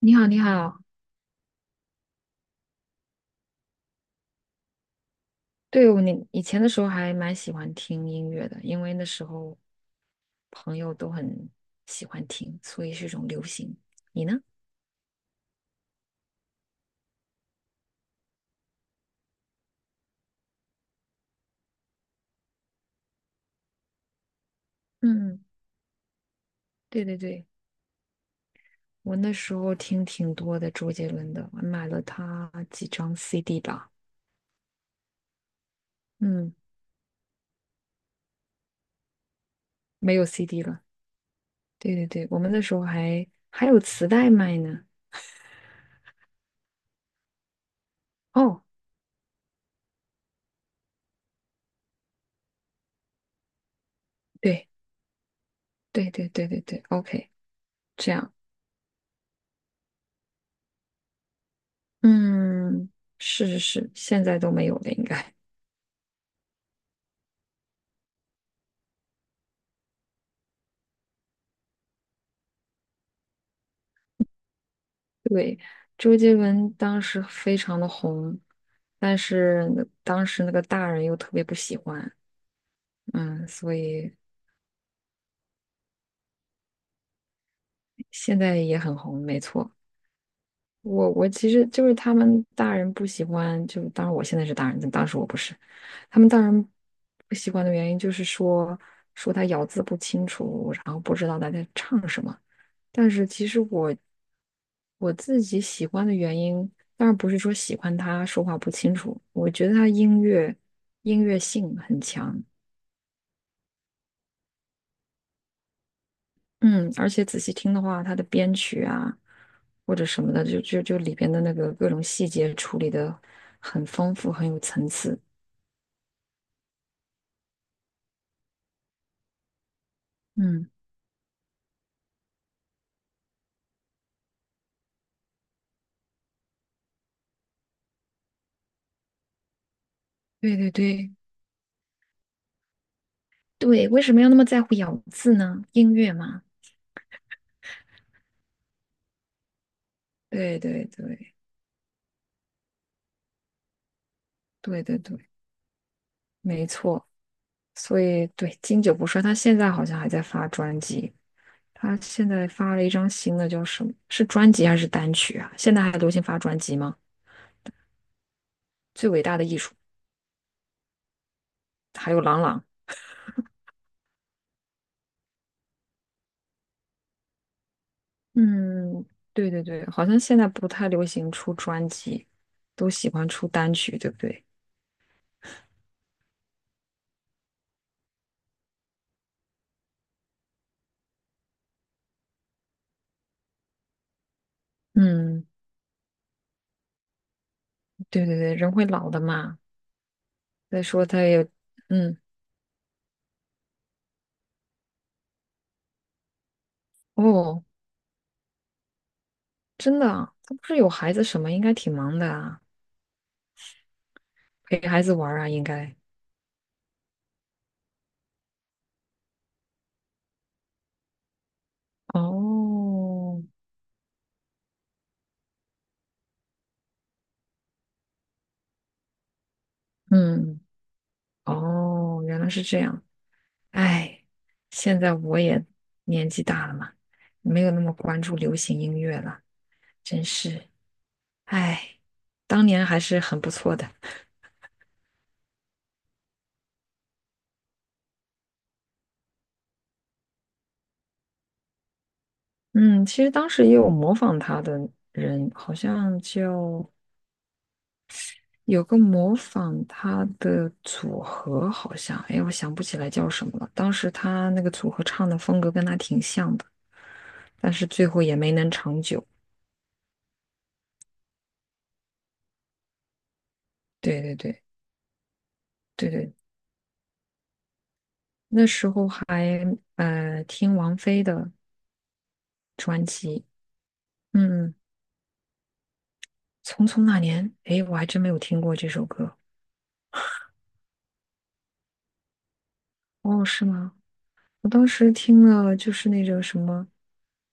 你好，你好。我以前的时候还蛮喜欢听音乐的，因为那时候朋友都很喜欢听，所以是一种流行。你呢？嗯，对对对，我那时候听挺多的周杰伦的，我买了他几张 CD 吧。嗯，没有 CD 了。对对对，我们那时候还有磁带卖呢。哦，对对对对对对，OK，这样。嗯，是是是，现在都没有了，应该。对，周杰伦当时非常的红，但是当时那个大人又特别不喜欢，嗯，所以现在也很红，没错。我其实就是他们大人不喜欢，就当然我现在是大人，但当时我不是。他们大人不喜欢的原因就是说他咬字不清楚，然后不知道他在唱什么。但是其实我自己喜欢的原因，当然不是说喜欢他说话不清楚，我觉得他音乐性很强。嗯，而且仔细听的话，他的编曲啊或者什么的，就里边的那个各种细节处理的很丰富，很有层次。嗯，对对对对，为什么要那么在乎咬字呢？音乐嘛，对对对对对对，没错。所以对，经久不衰，他现在好像还在发专辑。他现在发了一张新的，叫什么？是专辑还是单曲啊？现在还流行发专辑吗？最伟大的艺术，还有郎朗。嗯，对对对，好像现在不太流行出专辑，都喜欢出单曲，对不对？嗯，对对对，人会老的嘛。再说他也，嗯，哦，真的啊？他不是有孩子什么，应该挺忙的啊，陪孩子玩儿啊，应该。哦，嗯，哦，原来是这样。哎，现在我也年纪大了嘛，没有那么关注流行音乐了，真是，哎，当年还是很不错的。嗯，其实当时也有模仿他的人，好像就有个模仿他的组合，好像，哎，我想不起来叫什么了。当时他那个组合唱的风格跟他挺像的，但是最后也没能长久。对对对对对，那时候还听王菲的专辑。嗯，《匆匆那年》，诶，我还真没有听过这首歌。哦，是吗？我当时听了就是那种什么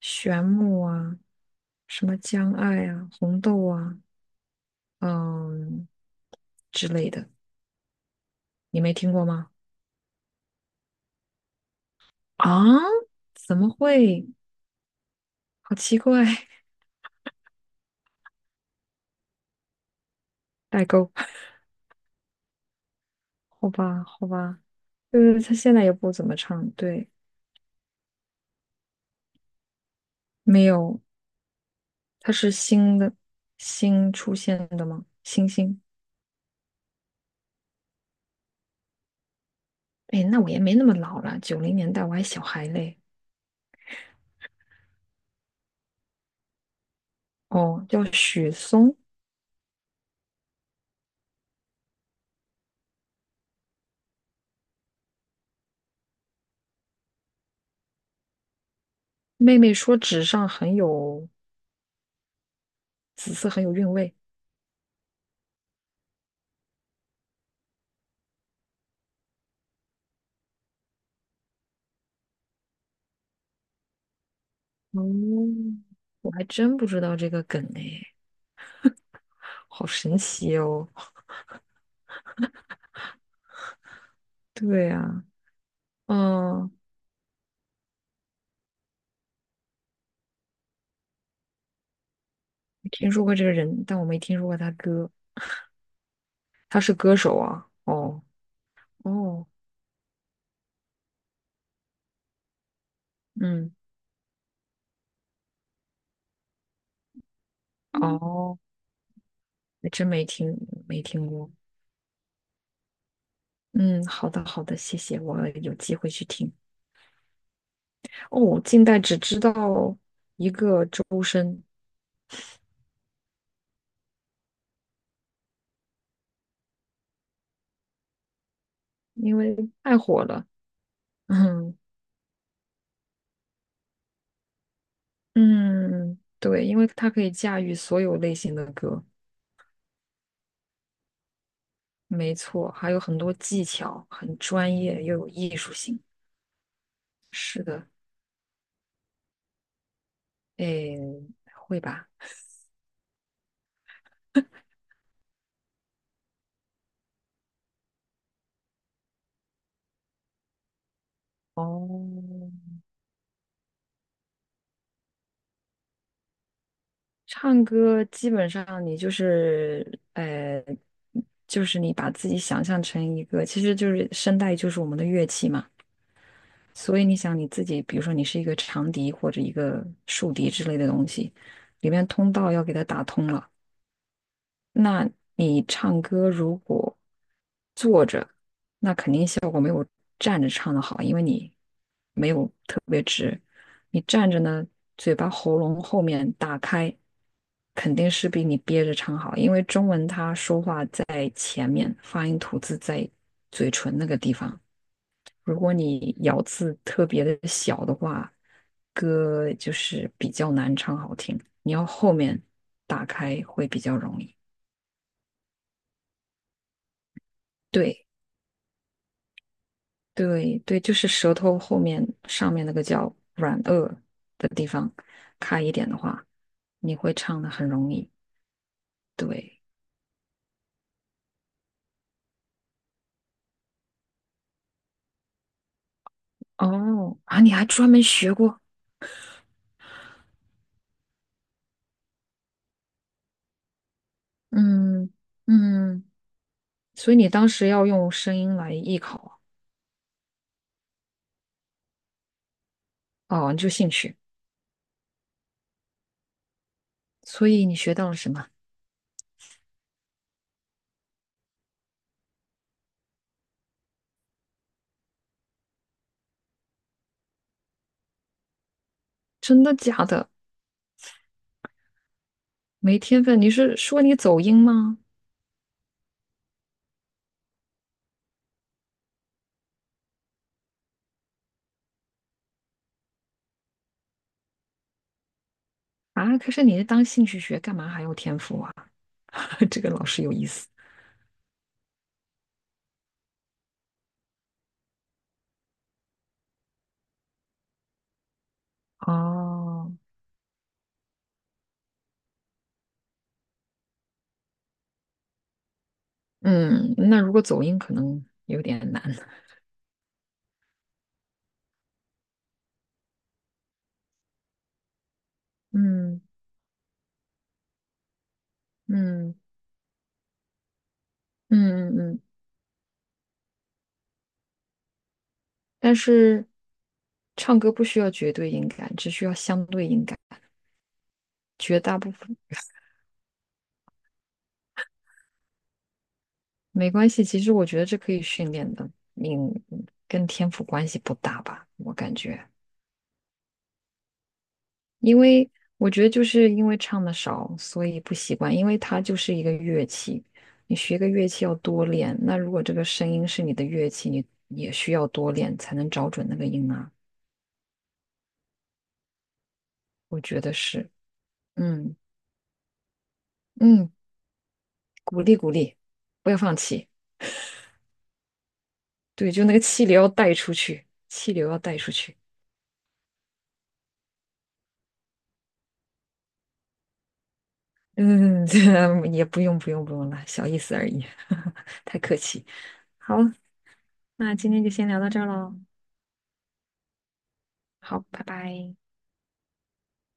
《旋木》啊，什么《将爱》啊，《红豆》啊，嗯之类的。你没听过吗？啊？怎么会？好奇怪。代沟。好吧，好吧，就是他现在也不怎么唱。对，没有，他是新的，新出现的吗？新星。哎，那我也没那么老了，90年代我还小孩嘞。哦，叫许嵩，妹妹说纸上很有紫色，很有韵味。哦，我还真不知道这个梗哎，好神奇哦。对呀。嗯，听说过这个人，但我没听说过他歌。他是歌手啊？哦哦，嗯嗯哦，还真没听过。嗯，好的好的，谢谢，我有机会去听。哦，近代只知道一个周深，因为太火了。嗯嗯，对，因为它可以驾驭所有类型的歌，没错，还有很多技巧，很专业又有艺术性。是的，诶，会吧？哦，唱歌基本上你就是，就是你把自己想象成一个，其实就是声带就是我们的乐器嘛。所以你想你自己，比如说你是一个长笛或者一个竖笛之类的东西，里面通道要给它打通了。那你唱歌如果坐着站着唱的好，因为你没有特别直，你站着呢，嘴巴喉咙后面打开，肯定是比你憋着唱好，因为中文它说话在发音吐字在嘴唇那个地方，如果你咬字特别的小的话，歌就是比较难唱好听，你要后面打开会比较容易。对。对对，就是舌头后面上面那个叫软腭的地方开一点的话，你会唱的很容易。对，哦，啊，你还专门学过，嗯嗯，所以你当时要用声音来艺考啊，哦，你就兴趣，所以你学到了什么？真的假的？没天分？你是说你走音吗？啊，可是你是当兴趣学，干嘛还要天赋啊？这个老师有意思。哦，嗯，那如果走音可能有点难。嗯嗯嗯嗯嗯，但是唱歌不需要绝对音感，只需要相对音感，绝大部分没关系。其实我觉得这可以训练的，你跟天赋关系不大吧？我感觉，因为我觉得就是因为唱的少，所以不习惯，因为它就是一个乐器，你学个乐器要多练。那如果这个声音是你的乐器，你也需要多练才能找准那个音啊。我觉得是，嗯嗯，鼓励鼓励，不要放弃。对，就那个气流要带出去，气流要带出去。嗯，这也不用了，小意思而已，太客气。好，那今天就先聊到这儿喽。好，拜拜。